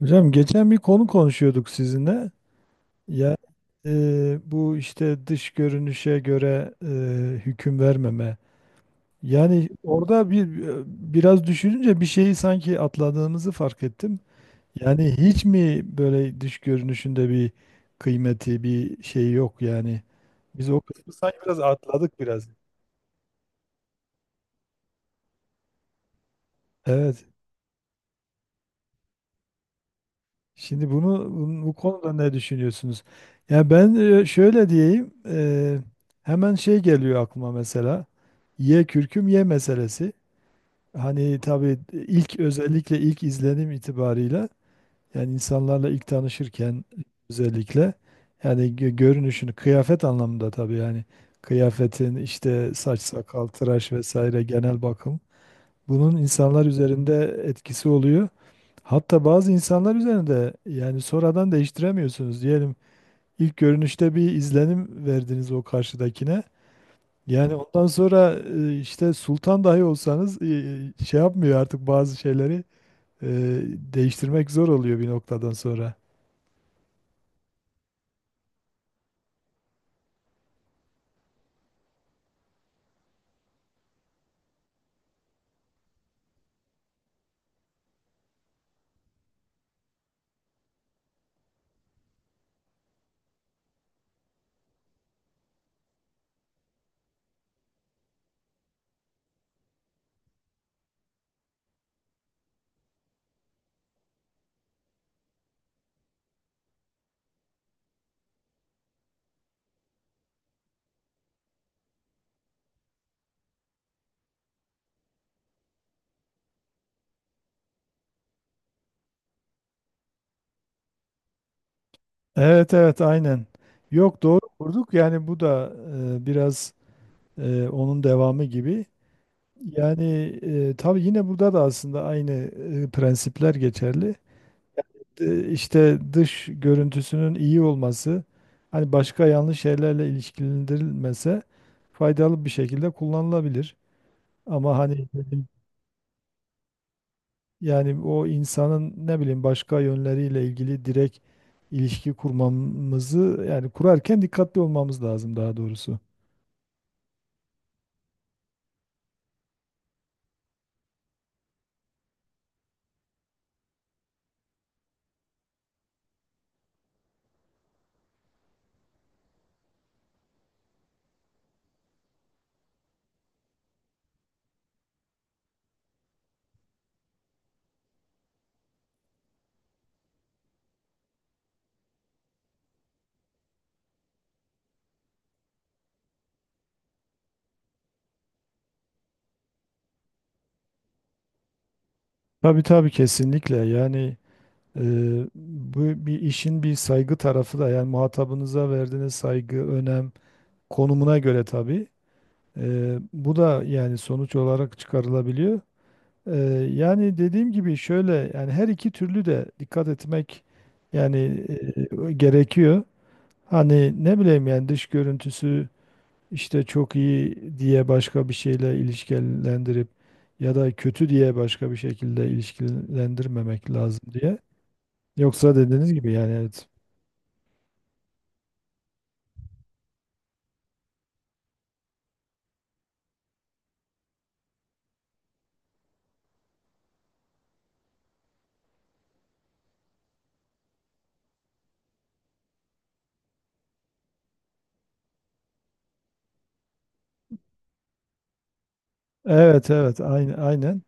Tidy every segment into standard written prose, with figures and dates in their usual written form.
Hocam geçen bir konu konuşuyorduk sizinle. Ya bu işte dış görünüşe göre hüküm vermeme. Yani orada bir biraz düşününce bir şeyi sanki atladığımızı fark ettim. Yani hiç mi böyle dış görünüşünde bir kıymeti, bir şey yok yani. Biz o kısmı sanki biraz atladık biraz. Evet. Şimdi bu konuda ne düşünüyorsunuz? Ya ben şöyle diyeyim, hemen şey geliyor aklıma mesela. Ye kürküm ye meselesi. Hani tabii ilk özellikle ilk izlenim itibarıyla yani insanlarla ilk tanışırken özellikle yani görünüşünü kıyafet anlamında tabii yani kıyafetin işte saç sakal tıraş vesaire genel bakım bunun insanlar üzerinde etkisi oluyor. Hatta bazı insanlar üzerinde yani sonradan değiştiremiyorsunuz. Diyelim ilk görünüşte bir izlenim verdiniz o karşıdakine. Yani ondan sonra işte sultan dahi olsanız şey yapmıyor artık bazı şeyleri e, değiştirmek zor oluyor bir noktadan sonra. Evet, aynen. Yok doğru kurduk yani bu da biraz onun devamı gibi. Yani tabii yine burada da aslında aynı prensipler geçerli. İşte dış görüntüsünün iyi olması hani başka yanlış şeylerle ilişkilendirilmese faydalı bir şekilde kullanılabilir. Ama hani dedim, yani o insanın ne bileyim başka yönleriyle ilgili direkt ilişki kurmamızı yani kurarken dikkatli olmamız lazım daha doğrusu. Tabii, kesinlikle yani e, bu bir işin bir saygı tarafı da yani muhatabınıza verdiğiniz saygı, önem konumuna göre tabii. Bu da yani sonuç olarak çıkarılabiliyor. Eee, Yani dediğim gibi şöyle yani her iki türlü de dikkat etmek yani gerekiyor. Hani ne bileyim yani dış görüntüsü işte çok iyi diye başka bir şeyle ilişkilendirip ya da kötü diye başka bir şekilde ilişkilendirmemek lazım diye. Yoksa dediğiniz gibi yani evet. Evet, aynı aynen.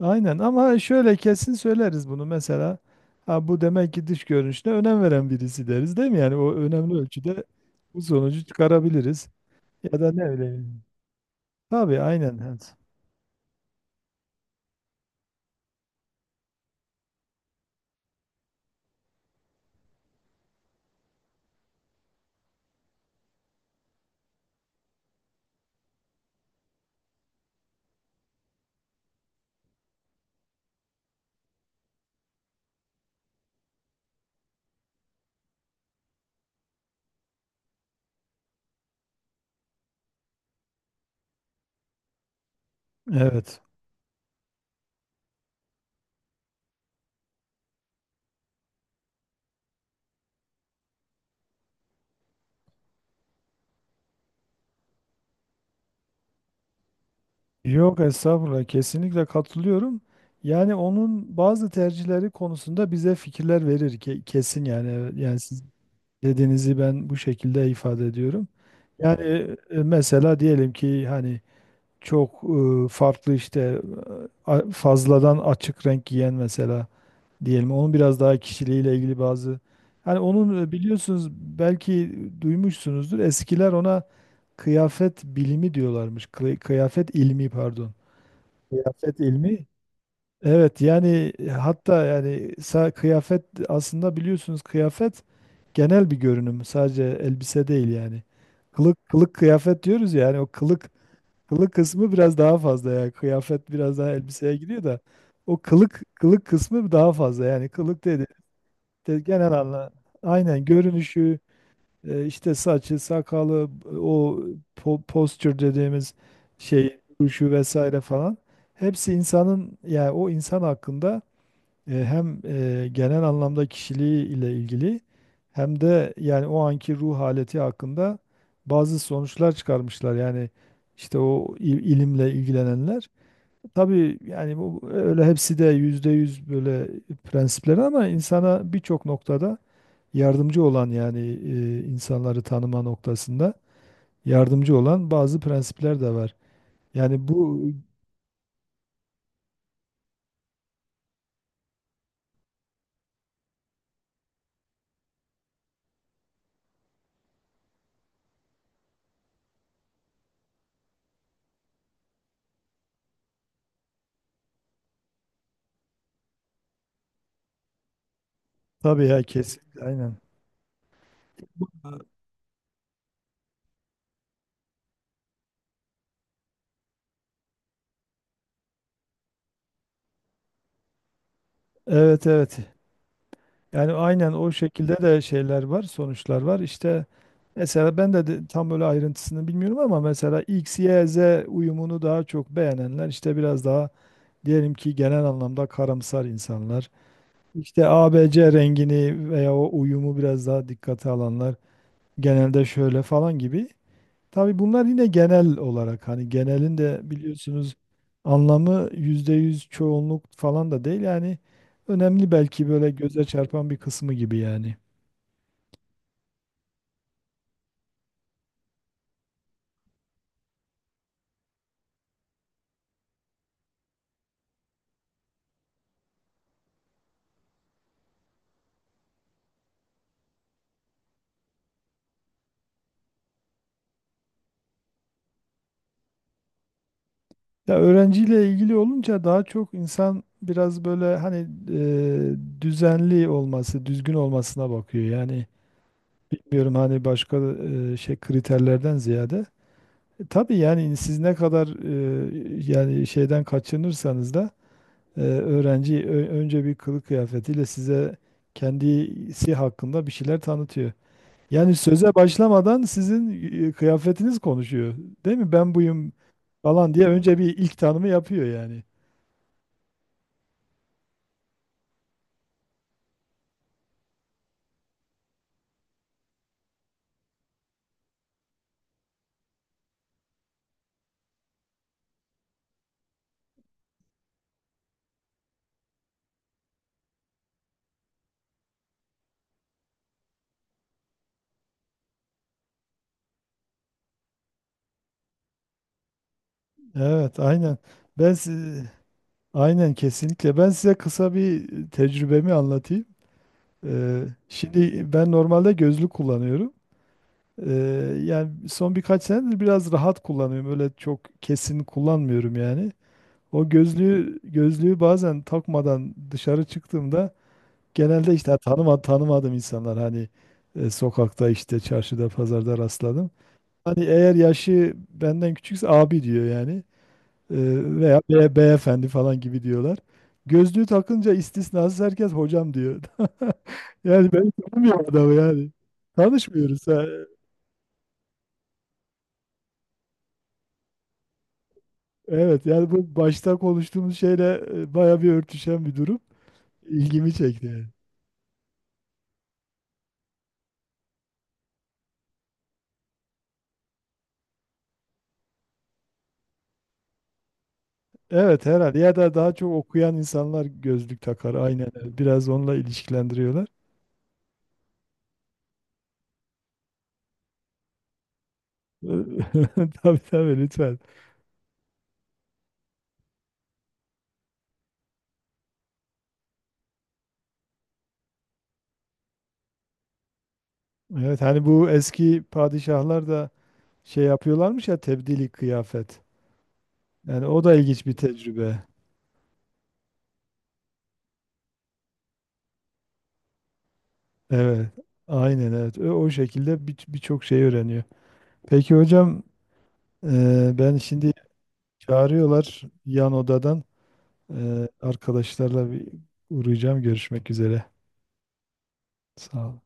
Aynen ama şöyle kesin söyleriz bunu mesela. Ha bu demek ki dış görünüşüne önem veren birisi deriz değil mi? Yani o önemli ölçüde bu sonucu çıkarabiliriz. Ya da ne bileyim. Tabii aynen. Evet. Evet. Yok estağfurullah kesinlikle katılıyorum. Yani onun bazı tercihleri konusunda bize fikirler verir ki kesin yani. Evet, yani siz dediğinizi ben bu şekilde ifade ediyorum. Yani mesela diyelim ki hani çok farklı işte fazladan açık renk giyen mesela diyelim. Onun biraz daha kişiliğiyle ilgili bazı hani onun biliyorsunuz belki duymuşsunuzdur. Eskiler ona kıyafet bilimi diyorlarmış. Kıyafet ilmi pardon. Kıyafet ilmi. Evet yani hatta yani kıyafet aslında biliyorsunuz kıyafet genel bir görünüm. Sadece elbise değil yani. Kılık kıyafet diyoruz ya yani o kılık. Kılık kısmı biraz daha fazla ya. Kıyafet biraz daha elbiseye gidiyor da o kılık kısmı daha fazla. Yani kılık dedi, de genel anla aynen görünüşü işte saçı, sakalı, o posture dediğimiz şey, duruşu vesaire falan. Hepsi insanın yani o insan hakkında hem genel anlamda kişiliği ile ilgili hem de yani o anki ruh haleti hakkında bazı sonuçlar çıkarmışlar. Yani işte o ilimle ilgilenenler. Tabii yani bu öyle hepsi de yüzde yüz böyle prensipleri ama insana birçok noktada yardımcı olan yani insanları tanıma noktasında yardımcı olan bazı prensipler de var. Yani bu tabii ya kesin aynen. Evet, yani aynen o şekilde de şeyler var, sonuçlar var. İşte mesela ben de tam böyle ayrıntısını bilmiyorum ama mesela X, Y, Z uyumunu daha çok beğenenler işte biraz daha diyelim ki genel anlamda karamsar insanlar. İşte A, B, C rengini veya o uyumu biraz daha dikkate alanlar genelde şöyle falan gibi. Tabii bunlar yine genel olarak hani genelin de biliyorsunuz anlamı %100 çoğunluk falan da değil yani önemli belki böyle göze çarpan bir kısmı gibi yani. Ya öğrenciyle ilgili olunca daha çok insan biraz böyle hani düzenli olması, düzgün olmasına bakıyor. Yani bilmiyorum hani başka şey kriterlerden ziyade. E, tabii yani siz ne kadar yani şeyden kaçınırsanız da öğrenci önce bir kılık kıyafetiyle size kendisi hakkında bir şeyler tanıtıyor. Yani söze başlamadan sizin kıyafetiniz konuşuyor. Değil mi? Ben buyum falan diye önce bir ilk tanımı yapıyor yani. Evet, aynen. Ben si- aynen kesinlikle. Ben size kısa bir tecrübemi anlatayım. Ee, Şimdi ben normalde gözlük kullanıyorum. Ee, Yani son birkaç senedir biraz rahat kullanıyorum. Öyle çok kesin kullanmıyorum yani. O gözlüğü bazen takmadan dışarı çıktığımda genelde işte tanımadığım insanlar hani sokakta işte çarşıda pazarda rastladım. Hani eğer yaşı benden küçükse abi diyor yani. Ee, Veya beyefendi falan gibi diyorlar. Gözlüğü takınca istisnasız herkes hocam diyor. Yani ben tanımıyorum adamı yani. Tanışmıyoruz. Ha. Evet yani bu başta konuştuğumuz şeyle baya bir örtüşen bir durum. İlgimi çekti yani. Evet herhalde ya da daha çok okuyan insanlar gözlük takar aynen öyle. Biraz onunla ilişkilendiriyorlar. Tabii, lütfen. Evet hani bu eski padişahlar da şey yapıyorlarmış ya tebdili kıyafet. Yani o da ilginç bir tecrübe. Evet, aynen evet. O şekilde birçok şey öğreniyor. Peki hocam, ben şimdi çağırıyorlar yan odadan. E, arkadaşlarla bir uğrayacağım. Görüşmek üzere. Sağ ol.